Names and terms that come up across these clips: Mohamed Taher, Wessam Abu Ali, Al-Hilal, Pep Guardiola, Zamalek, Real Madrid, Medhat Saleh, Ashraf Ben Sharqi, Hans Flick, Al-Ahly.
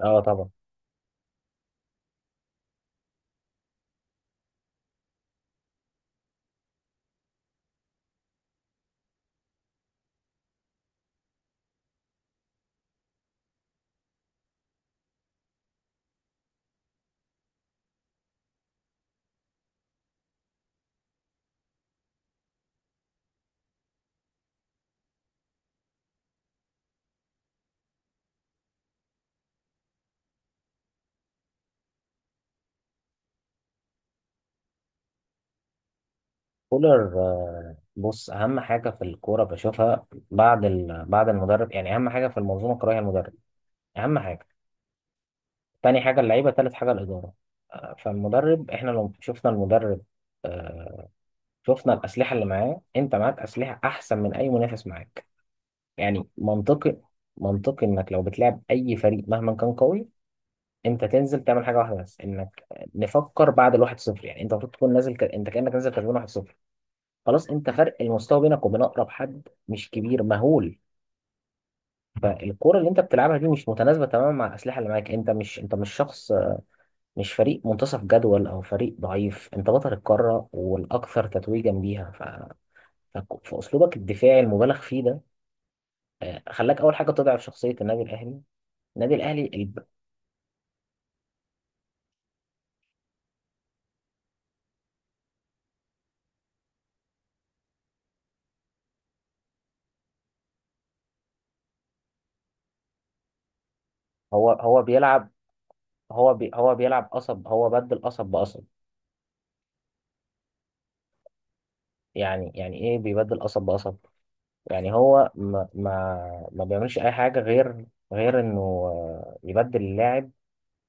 اه طبعا. كولر، بص، اهم حاجه في الكوره بشوفها بعد بعد المدرب. يعني اهم حاجه في المنظومه الكرويه المدرب، اهم حاجه. تاني حاجه اللعيبه، تالت حاجه الاداره. فالمدرب، احنا لو شفنا المدرب، آه، شفنا الاسلحه اللي معاه، انت معاك اسلحه احسن من اي منافس معاك. يعني منطقي، منطقي انك لو بتلعب اي فريق مهما كان قوي، انت تنزل تعمل حاجه واحده بس، انك نفكر بعد الواحد صفر. يعني انت المفروض تكون نازل انت كانك نازل كسبان 1-0. خلاص، انت فرق المستوى بينك وبين اقرب حد مش كبير مهول. فالكرة اللي انت بتلعبها دي مش متناسبة تماما مع الأسلحة اللي معاك. انت مش شخص، مش فريق منتصف جدول او فريق ضعيف، انت بطل القارة والاكثر تتويجا بيها. فاسلوبك الدفاعي المبالغ فيه ده، خلاك اول حاجة تضعف شخصية النادي الاهلي. النادي الاهلي الب- هو بيلعب. هو بيلعب قصب، هو بدل قصب بقصب. يعني ايه بيبدل قصب بقصب؟ يعني هو ما بيعملش اي حاجه غير انه يبدل اللاعب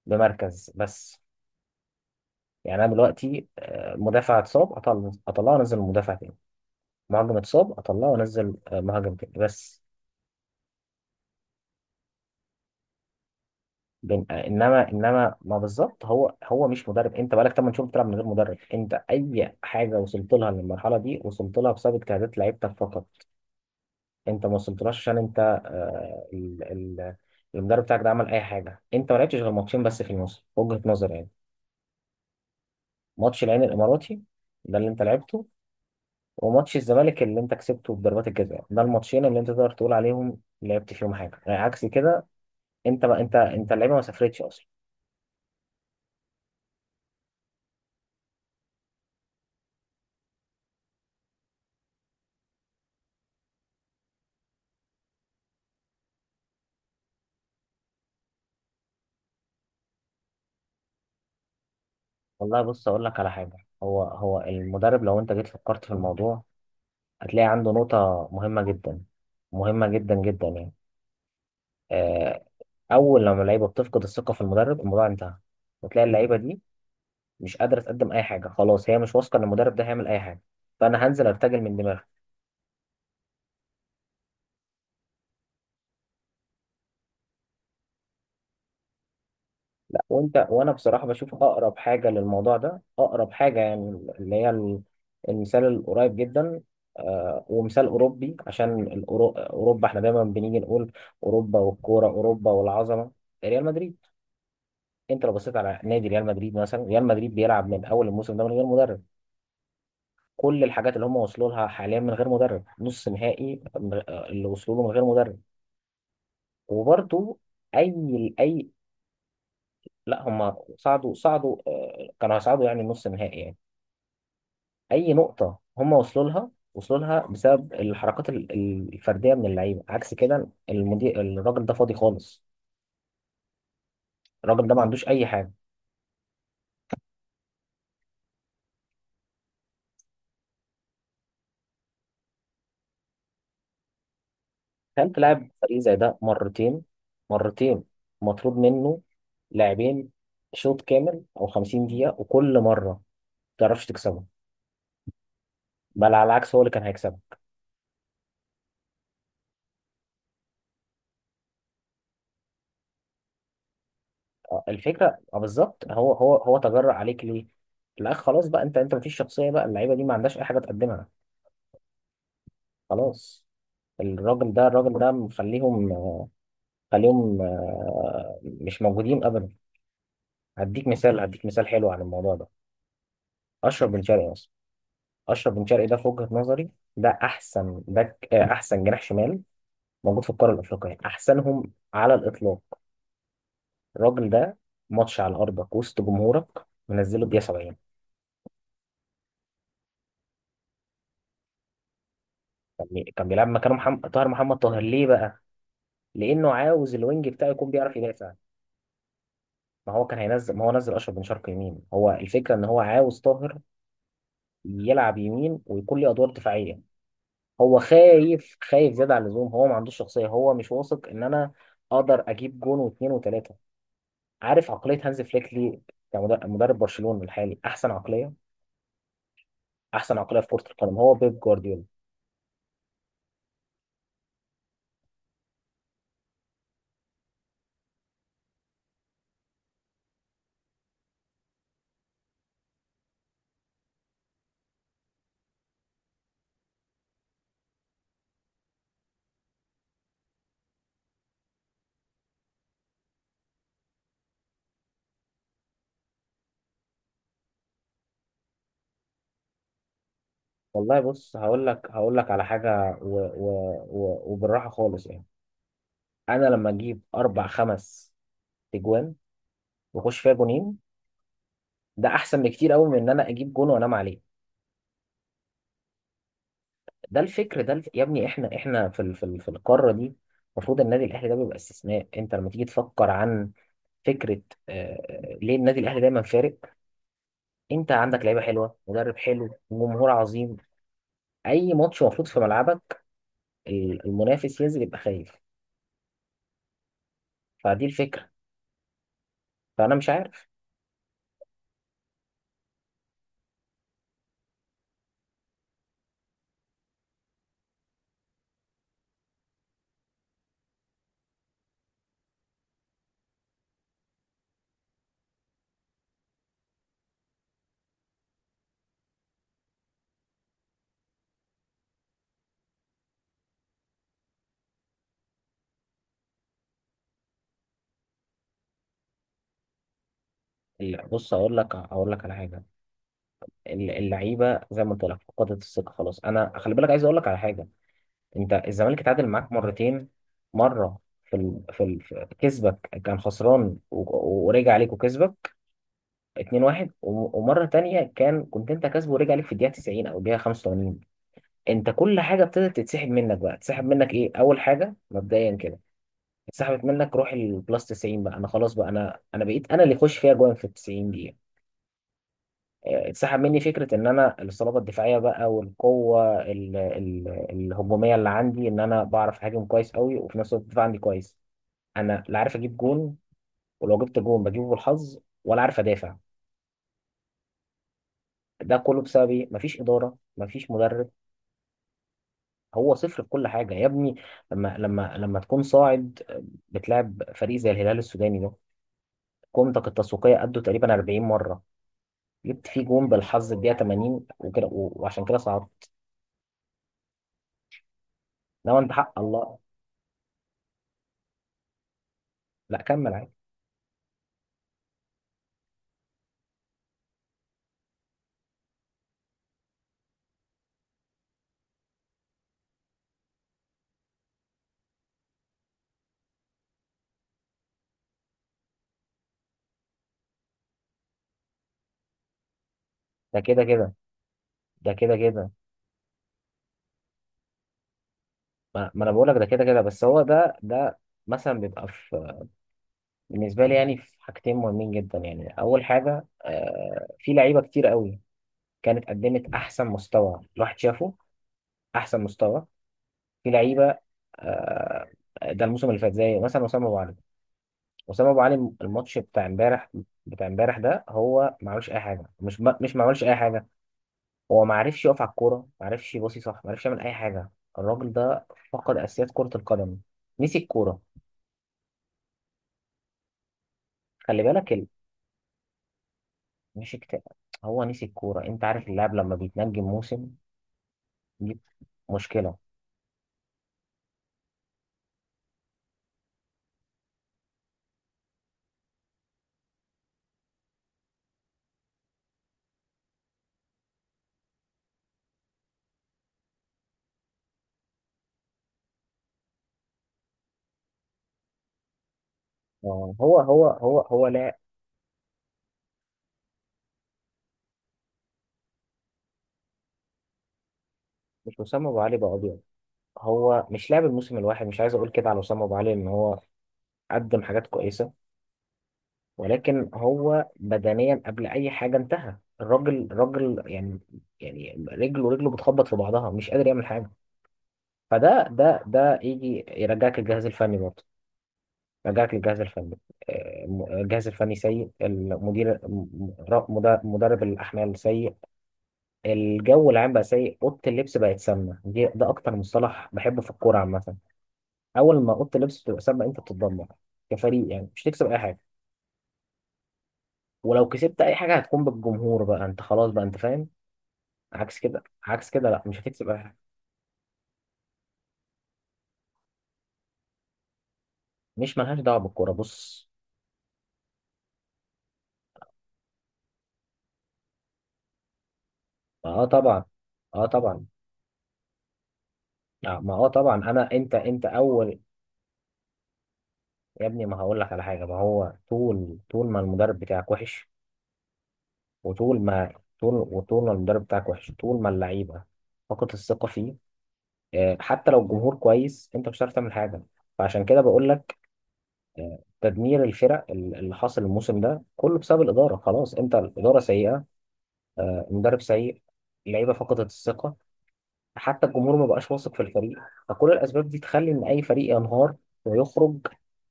بمركز بس. يعني انا دلوقتي مدافع اتصاب اطلعه وانزل مدافع تاني، مهاجم اتصاب اطلعه وانزل مهاجم تاني بس. انما ما بالظبط، هو مش مدرب. انت بقالك 8 شهور بتلعب من غير مدرب. انت اي حاجه وصلت لها للمرحله دي وصلت لها بسبب اجتهادات لعيبتك فقط. انت ما وصلتلاش عشان انت آه، ال- ال- المدرب بتاعك ده عمل اي حاجه. انت ما لعبتش غير ماتشين بس في الموسم، وجهه نظري يعني. ماتش العين الاماراتي ده اللي انت لعبته، وماتش الزمالك اللي انت كسبته بضربات الجزاء، ده الماتشين اللي انت تقدر تقول عليهم لعبت فيهم حاجه، يعني عكس كده. انت اللعيبه ما سافرتش اصلا. والله بص، اقول لك على حاجه. هو المدرب، لو انت جيت فكرت في الموضوع هتلاقي عنده نقطه مهمه جدا، مهمه جدا جدا يعني. آه، اول لما اللعيبه بتفقد الثقه في المدرب الموضوع انتهى، وتلاقي اللعيبه دي مش قادره تقدم اي حاجه، خلاص هي مش واثقه ان المدرب ده هيعمل اي حاجه، فانا هنزل ارتجل من دماغي. لا، وانت، وانا بصراحه بشوف اقرب حاجه للموضوع ده، اقرب حاجه يعني، اللي هي ال- المثال القريب جدا، ومثال اوروبي، عشان اوروبا احنا دايما بنيجي نقول: اوروبا والكوره، اوروبا والعظمه. ريال مدريد. انت لو بصيت على نادي ريال مدريد مثلا، ريال مدريد بيلعب من اول الموسم ده من غير مدرب. كل الحاجات اللي هم وصلوا لها حاليا من غير مدرب، نص نهائي اللي وصلوا له من غير مدرب. وبرضو، اي. اي. لا، هم صعدوا، كانوا هيصعدوا يعني نص نهائي يعني. اي نقطة هم وصلوا لها بسبب الحركات الفردية من اللعيبة، عكس كده المدير الراجل ده فاضي خالص. الراجل ده ما عندوش اي حاجة. كان تلعب فريق زي ده مرتين، مرتين مطلوب منه لاعبين شوط كامل او 50 دقيقة، وكل مرة ما تعرفش تكسبه، بل على العكس هو اللي كان هيكسبك. الفكره، بالظبط، هو تجرأ عليك ليه؟ لا خلاص بقى، انت مفيش شخصيه بقى، اللعيبه دي ما عندهاش اي حاجه تقدمها، خلاص. الراجل ده مخليهم آه، خليهم آه، مش موجودين ابدا. هديك مثال حلو عن الموضوع ده: اشرف بن شرقي. اصلا اشرف بن شرقي ده في وجهه نظري ده احسن باك، احسن جناح شمال موجود في القاره الافريقيه، احسنهم على الاطلاق. الراجل ده، ماتش على ارضك وسط جمهورك، منزله بدقيقه 70. كان بيلعب مكانه محمد طاهر. محمد طاهر ليه بقى؟ لأنه عاوز الوينج بتاعه يكون بيعرف يدافع. ما هو كان هينزل، ما هو نزل أشرف بن شرقي يمين. هو الفكرة إن هو عاوز طاهر يلعب يمين ويكون ليه أدوار دفاعية. هو خايف، خايف زيادة عن اللزوم. هو ما عندوش شخصية، هو مش واثق إن أنا أقدر أجيب جون واتنين وتلاتة. عارف عقلية هانز فليك ليه كمدرب؟ مدرب برشلونة الحالي، أحسن عقلية، أحسن عقلية في كرة القدم هو بيب جوارديولا. والله بص، هقول لك على حاجة، وبالراحة خالص يعني. انا لما اجيب اربع خمس تجوان واخش فيها جونين، ده احسن بكتير قوي من ان انا اجيب جون وانام عليه. ده الفكر، يا ابني، احنا في القاره دي المفروض النادي الاهلي ده بيبقى استثناء. انت لما تيجي تفكر عن فكره، ليه النادي الاهلي دايما فارق؟ انت عندك لعيبه حلوه، مدرب حلو، جمهور عظيم، اي ماتش المفروض في ملعبك المنافس ينزل يبقى خايف. فدي الفكره، فانا مش عارف. بص، اقول لك على حاجه. اللعيبه زي ما قلت لك فقدت الثقه خلاص. انا خلي بالك عايز اقول لك على حاجه: انت الزمالك اتعادل معاك مرتين. مره في كسبك كان خسران، ورجع عليك وكسبك 2-1، ومره تانية كنت انت كسبه ورجع عليك في الدقيقه 90 او الدقيقه 85. انت كل حاجه ابتدت تتسحب منك. بقى تسحب منك ايه؟ اول حاجه مبدئيا كده اتسحبت منك روح البلس 90، بقى انا خلاص، بقى انا بقيت انا اللي يخش فيها جوان في ال 90. اتسحب مني فكرة ان انا الصلابة الدفاعية بقى، والقوة الهجومية اللي عندي، ان انا بعرف اهاجم كويس قوي وفي نفس الوقت الدفاع عندي كويس. انا لا عارف اجيب جون، ولو جبت جون بجيبه بالحظ، ولا عارف ادافع. ده كله بسبب ايه؟ مفيش ادارة، مفيش مدرب. هو صفر في كل حاجة يا ابني. لما تكون صاعد، بتلعب فريق زي الهلال السوداني ده قيمتك التسويقية قدوا تقريبا 40 مرة، جبت فيه جون بالحظ الدقيقة 80 وكده وعشان كده صعدت. لو انت حق الله... لا كمل. ده كده كده، ده كده كده. ما انا بقول لك ده كده كده، بس هو ده مثلا بيبقى في، بالنسبه لي يعني، في حاجتين مهمين جدا يعني. اول حاجه، في لعيبه كتير قوي كانت قدمت احسن مستوى الواحد شافه، احسن مستوى. في لعيبه، آه ده الموسم اللي فات زي مثلا وسام ابو علي. وسام ابو علي الماتش بتاع امبارح، ده هو ما عملش اي حاجه. مش ما مش ما عملش اي حاجه. هو ما عرفش يقف على الكوره، ما عرفش يباصي صح، ما عرفش يعمل اي حاجه. الراجل ده فقد اساسيات كره القدم. نسي الكوره. خلي بالك مش اكتئاب، هو نسي الكوره. انت عارف اللاعب لما بيتنجم موسم؟ دي مشكله. آه، هو هو هو هو لا، مش وسام ابو علي بقى ابيض. هو مش لاعب الموسم، الواحد مش عايز اقول كده على وسام ابو علي ان هو قدم حاجات كويسه، ولكن هو بدنيا قبل اي حاجه انتهى الراجل يعني. يعني رجله، رجله بتخبط في بعضها، مش قادر يعمل حاجه. فده ده يجي يرجعك الجهاز الفني برضه، يرجعك للجهاز الفني. الجهاز الفني سيء، المدير مدرب الأحمال سيء، الجو العام بقى سيء، أوضة اللبس بقت سامة. دي ده أكتر مصطلح بحبه في الكورة عامة. أول ما أوضة اللبس بتبقى سامة أنت بتتدمر كفريق يعني، مش تكسب أي حاجة، ولو كسبت أي حاجة هتكون بالجمهور. بقى أنت خلاص، بقى أنت فاهم. عكس كده، عكس كده، لا مش هتكسب أي حاجة. مش ملهاش دعوة بالكورة، بص. اه طبعا، اه طبعا. ما هو طبعا انا، انت اول. يا ابني، ما هقول لك على حاجه. ما هو طول ما المدرب بتاعك وحش، وطول ما، طول ما المدرب بتاعك وحش، طول ما اللعيبه فقدت الثقه فيه، حتى لو الجمهور كويس انت مش هتعرف تعمل حاجه. فعشان كده بقول لك، تدمير الفرق اللي حاصل الموسم ده كله بسبب الاداره. خلاص، انت الاداره سيئه، المدرب سيء، اللعيبه فقدت الثقه، حتى الجمهور ما بقاش واثق في الفريق. فكل الاسباب دي تخلي ان اي فريق ينهار ويخرج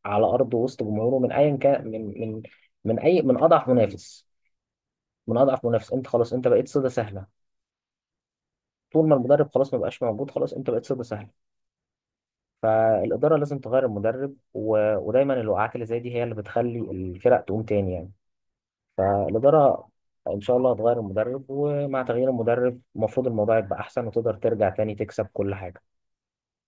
على ارض وسط جمهوره من ايا كان، من اضعف منافس. من اضعف منافس، انت خلاص، انت بقيت صيده سهله. طول ما المدرب خلاص ما بقاش موجود، خلاص انت بقيت صيده سهله. فالاداره لازم تغير المدرب، ودايما الوقعات اللي زي دي هي اللي بتخلي الفرق تقوم تاني يعني. فالاداره ان شاء الله هتغير المدرب، ومع تغيير المدرب المفروض الموضوع يبقى احسن وتقدر ترجع تاني تكسب كل حاجه.